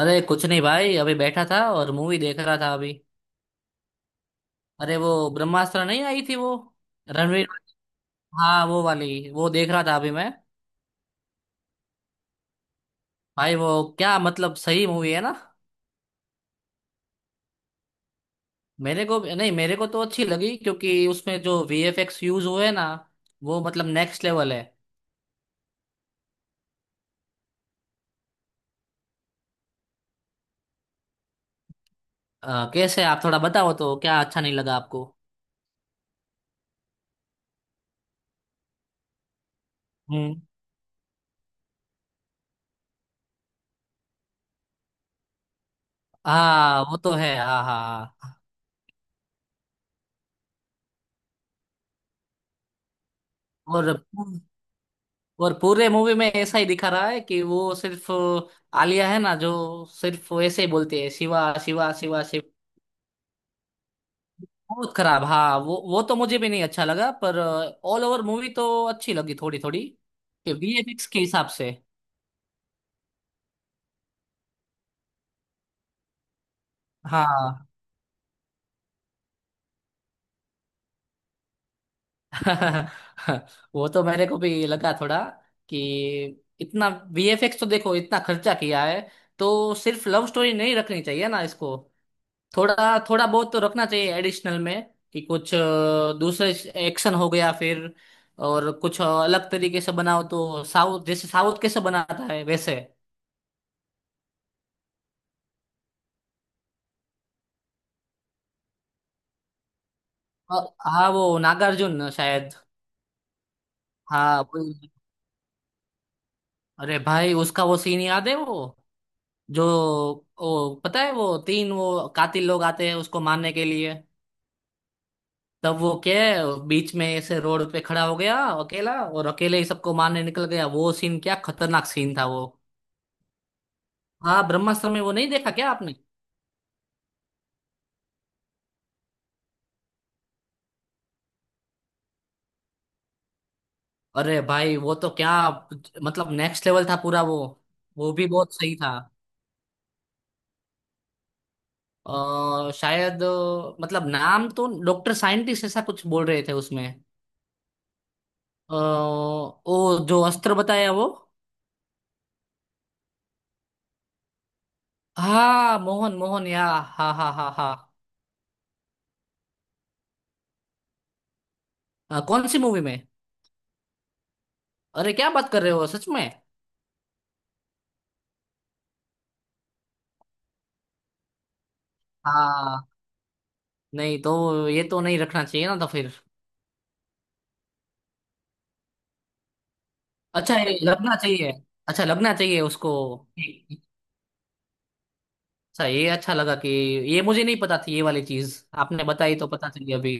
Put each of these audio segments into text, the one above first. अरे कुछ नहीं भाई, अभी बैठा था और मूवी देख रहा था अभी। अरे वो ब्रह्मास्त्र नहीं आई थी वो, रणवीर। हाँ, वो वाली वो देख रहा था अभी मैं। भाई वो, क्या मतलब, सही मूवी है ना? मेरे को नहीं, मेरे को तो अच्छी लगी क्योंकि उसमें जो वीएफएक्स यूज हुए ना, वो मतलब नेक्स्ट लेवल है। कैसे, आप थोड़ा बताओ तो क्या अच्छा नहीं लगा आपको? हम्म। हाँ, वो तो है, हाँ हाँ हाँ। और और पूरे मूवी में ऐसा ही दिखा रहा है कि वो सिर्फ आलिया है ना जो सिर्फ ऐसे ही बोलती है, शिवा शिवा शिवा शिव। बहुत खराब, हाँ, वो तो मुझे भी नहीं अच्छा लगा, पर ऑल ओवर मूवी तो अच्छी लगी थोड़ी थोड़ी, कि वीएफएक्स के हिसाब से। हाँ। वो तो मेरे को भी लगा थोड़ा, कि इतना वीएफएक्स तो देखो इतना खर्चा किया है, तो सिर्फ लव स्टोरी नहीं रखनी चाहिए ना इसको। थोड़ा थोड़ा बहुत तो रखना चाहिए एडिशनल में, कि कुछ दूसरे एक्शन हो गया फिर, और कुछ अलग तरीके से बनाओ, तो साउथ जैसे, साउथ कैसे बनाता है वैसे। अ, हाँ, वो नागार्जुन शायद। हाँ, अरे भाई, उसका वो सीन याद है वो, जो वो पता है, वो तीन वो कातिल लोग आते हैं उसको मारने के लिए, तब वो क्या है, बीच में ऐसे रोड पे खड़ा हो गया अकेला, और अकेले ही सबको मारने निकल गया। वो सीन क्या खतरनाक सीन था वो। हाँ, ब्रह्मास्त्र में वो नहीं देखा क्या आपने? अरे भाई, वो तो क्या, मतलब नेक्स्ट लेवल था पूरा वो। वो भी बहुत सही था। शायद मतलब नाम तो डॉक्टर साइंटिस्ट ऐसा कुछ बोल रहे थे उसमें। ओ जो अस्त्र बताया वो। हाँ, मोहन मोहन, या, हाँ हाँ हाँ हाँ। कौन सी मूवी में? अरे क्या बात कर रहे हो, सच में? हाँ। नहीं, तो ये तो नहीं रखना चाहिए ना तो फिर। अच्छा, ये लगना चाहिए, अच्छा लगना चाहिए उसको। अच्छा, ये अच्छा लगा कि ये मुझे नहीं पता थी, ये वाली चीज आपने बताई तो पता चली अभी।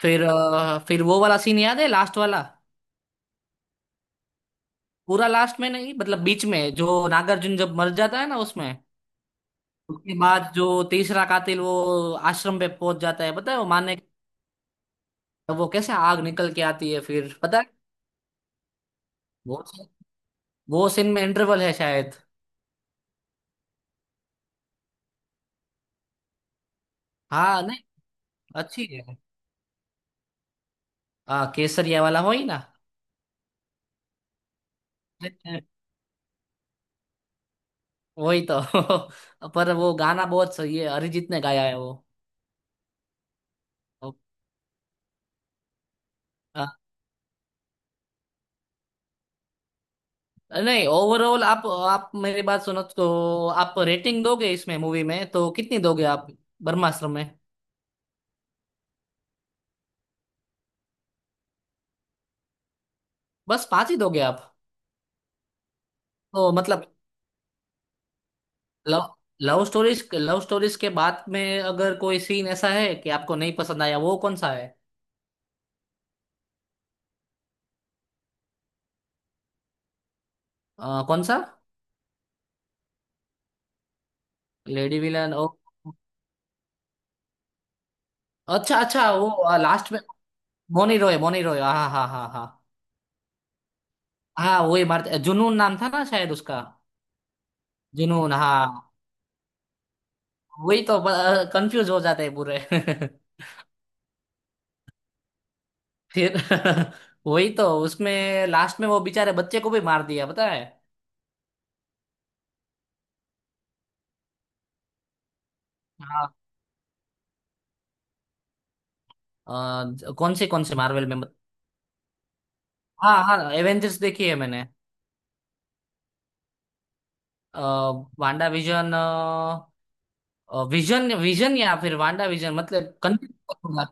फिर फिर वो वाला सीन याद है, लास्ट वाला? पूरा लास्ट में नहीं, मतलब बीच में जो नागार्जुन जब मर जाता है ना उसमें। उसके बाद जो तीसरा कातिल वो आश्रम पे पहुंच जाता है पता है वो मारने। वो कैसे आग निकल के आती है फिर, पता है? वो scene- वो सीन में इंटरवल है शायद। हाँ, नहीं, अच्छी है। हाँ, केसरिया वाला हो ही ना। वही तो। पर वो गाना बहुत सही है, अरिजीत ने गाया है। वो नहीं, ओवरऑल, आप मेरी बात सुनो, तो आप रेटिंग दोगे इसमें, मूवी में, तो कितनी दोगे आप, ब्रह्मास्त्र में? बस 5 ही दोगे आप? तो मतलब, लव लव स्टोरीज के बाद में अगर कोई सीन ऐसा है कि आपको नहीं पसंद आया, वो कौन सा है? कौन सा? लेडी विलन, ओ। अच्छा अच्छा, वो लास्ट में। मोनी रॉय, मोनी रॉय, हाँ हाँ हाँ हाँ हाँ, वही मारते। जुनून नाम था ना शायद उसका? जुनून, हाँ। वही तो, कंफ्यूज हो जाते हैं पूरे। फिर वही तो, उसमें लास्ट में वो बेचारे बच्चे को भी मार दिया, पता है? हाँ। कौन से मार्वल में मत... हाँ हाँ, एवेंजर्स देखी है मैंने। अ, वांडा विजन, विजन विजन, या फिर वांडा विजन, मतलब कंफ्यूज।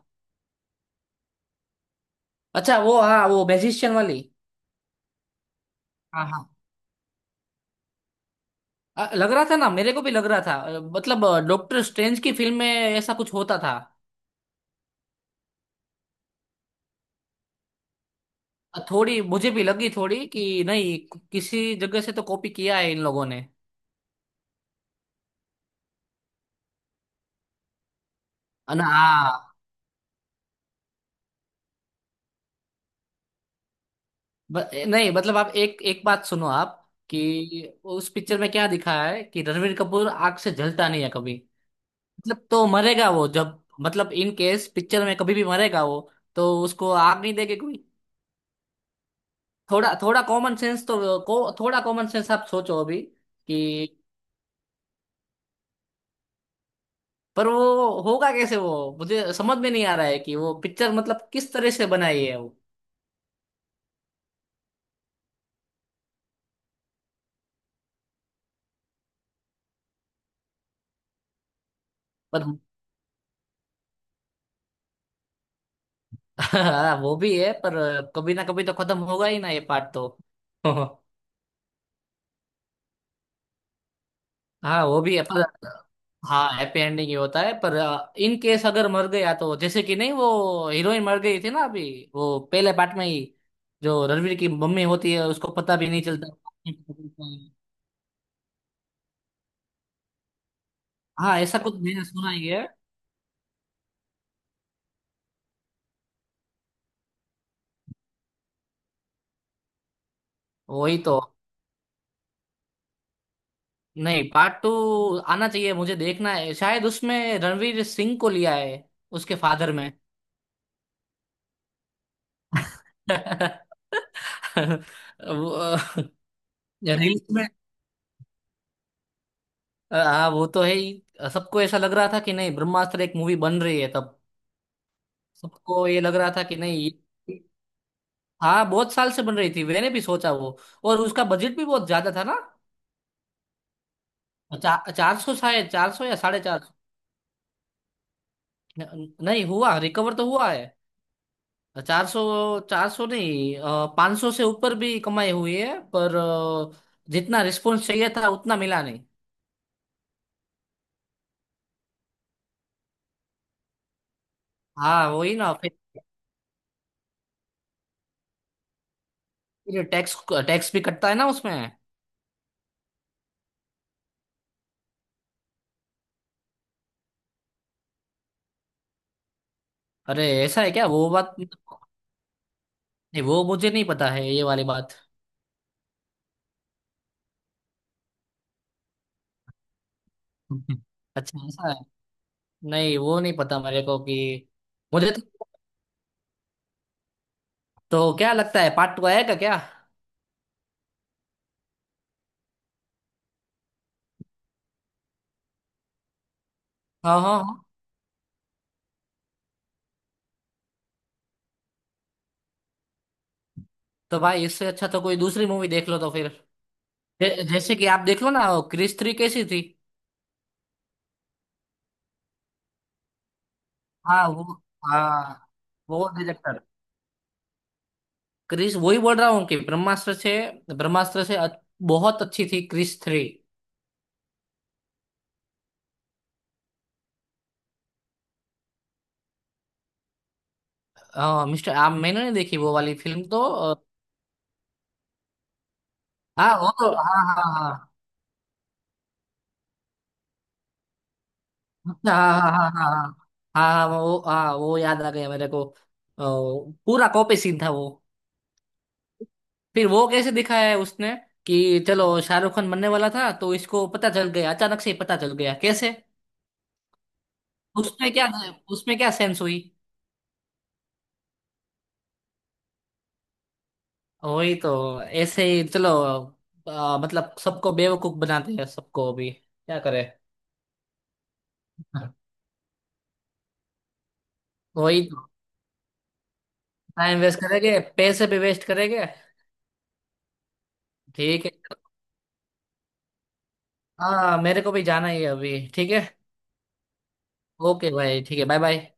अच्छा, वो, हाँ, वो मैजिशियन वाली। हाँ हाँ, लग रहा था ना, मेरे को भी लग रहा था, मतलब डॉक्टर स्ट्रेंज की फिल्म में ऐसा कुछ होता था। थोड़ी मुझे भी लगी, थोड़ी, कि नहीं, किसी जगह से तो कॉपी किया है इन लोगों ने। ना, हाँ। नहीं मतलब, आप एक एक बात सुनो आप, कि उस पिक्चर में क्या दिखाया है कि रणवीर कपूर आग से जलता नहीं है कभी। मतलब, तो मरेगा वो जब, मतलब इन केस पिक्चर में कभी भी मरेगा वो, तो उसको आग नहीं देगी कोई। थोड़ा थोड़ा कॉमन सेंस तो थोड़ा कॉमन सेंस आप सोचो अभी, कि पर वो होगा कैसे वो? मुझे समझ में नहीं आ रहा है कि वो पिक्चर मतलब किस तरह से बनाई है वो। पर वो भी है, पर कभी ना कभी तो खत्म होगा ही ना ये पार्ट तो। हाँ, वो भी है, पर हाँ, हैप्पी एंडिंग ही होता है, पर इन केस अगर मर गया तो, जैसे कि नहीं वो हीरोइन मर गई थी ना अभी, वो पहले पार्ट में ही, जो रणवीर की मम्मी होती है, उसको पता भी नहीं चलता। हाँ, ऐसा कुछ मैंने सुना ही है। वही तो। नहीं, पार्ट 2 आना चाहिए, मुझे देखना है, शायद उसमें रणवीर सिंह को लिया है उसके फादर में। वो, रिलीज में। हाँ, वो तो है ही। सबको ऐसा लग रहा था कि नहीं ब्रह्मास्त्र एक मूवी बन रही है तब, सबको ये लग रहा था कि नहीं। ये- हाँ, बहुत साल से बन रही थी, मैंने भी सोचा वो। और उसका बजट भी बहुत ज्यादा था ना। 400, शायद 400 या 450। नहीं हुआ, रिकवर तो हुआ है, 400, 400 नहीं, 500 से ऊपर भी कमाई हुई है, पर जितना रिस्पॉन्स चाहिए था उतना मिला नहीं। हाँ, वही ना। फिर टैक्स टैक्स भी कटता है ना उसमें। अरे ऐसा है क्या? वो बात नहीं, वो मुझे नहीं पता है ये वाली बात। अच्छा, ऐसा है। नहीं, वो नहीं पता मेरे को कि, मुझे तो क्या लगता है, पार्ट 2 आएगा क्या? हाँ हाँ हाँ, तो भाई इससे अच्छा तो कोई दूसरी मूवी देख लो तो फिर। जैसे कि आप देख लो ना, वो क्रिस 3 कैसी थी। हाँ, वो, हाँ, वो डायरेक्टर। क्रिस, वही बोल रहा हूँ कि, ब्रह्मास्त्र से, ब्रह्मास्त्र से बहुत अच्छी थी क्रिस 3। हाँ मिस्टर, आप, मैंने नहीं देखी वो वाली फिल्म तो, हाँ, वो तो, हाँ हाँ हाँ हाँ हाँ हाँ हाँ हाँ हाँ, हाँ, वो, हाँ, वो याद आ गया मेरे को, पूरा कॉपी सीन था वो। फिर वो कैसे दिखाया है उसने कि, चलो शाहरुख खान बनने वाला था तो इसको पता चल गया, अचानक से ही पता चल गया कैसे? उसमें क्या, उसमें क्या सेंस हुई? वही तो, ऐसे ही चलो। मतलब सबको बेवकूफ बनाते हैं, सबको अभी क्या करे। वही तो, टाइम वेस्ट करेंगे, पैसे भी वेस्ट करेंगे। ठीक है, हाँ, मेरे को भी जाना ही है अभी। ठीक है, ओके भाई, ठीक है, बाय बाय।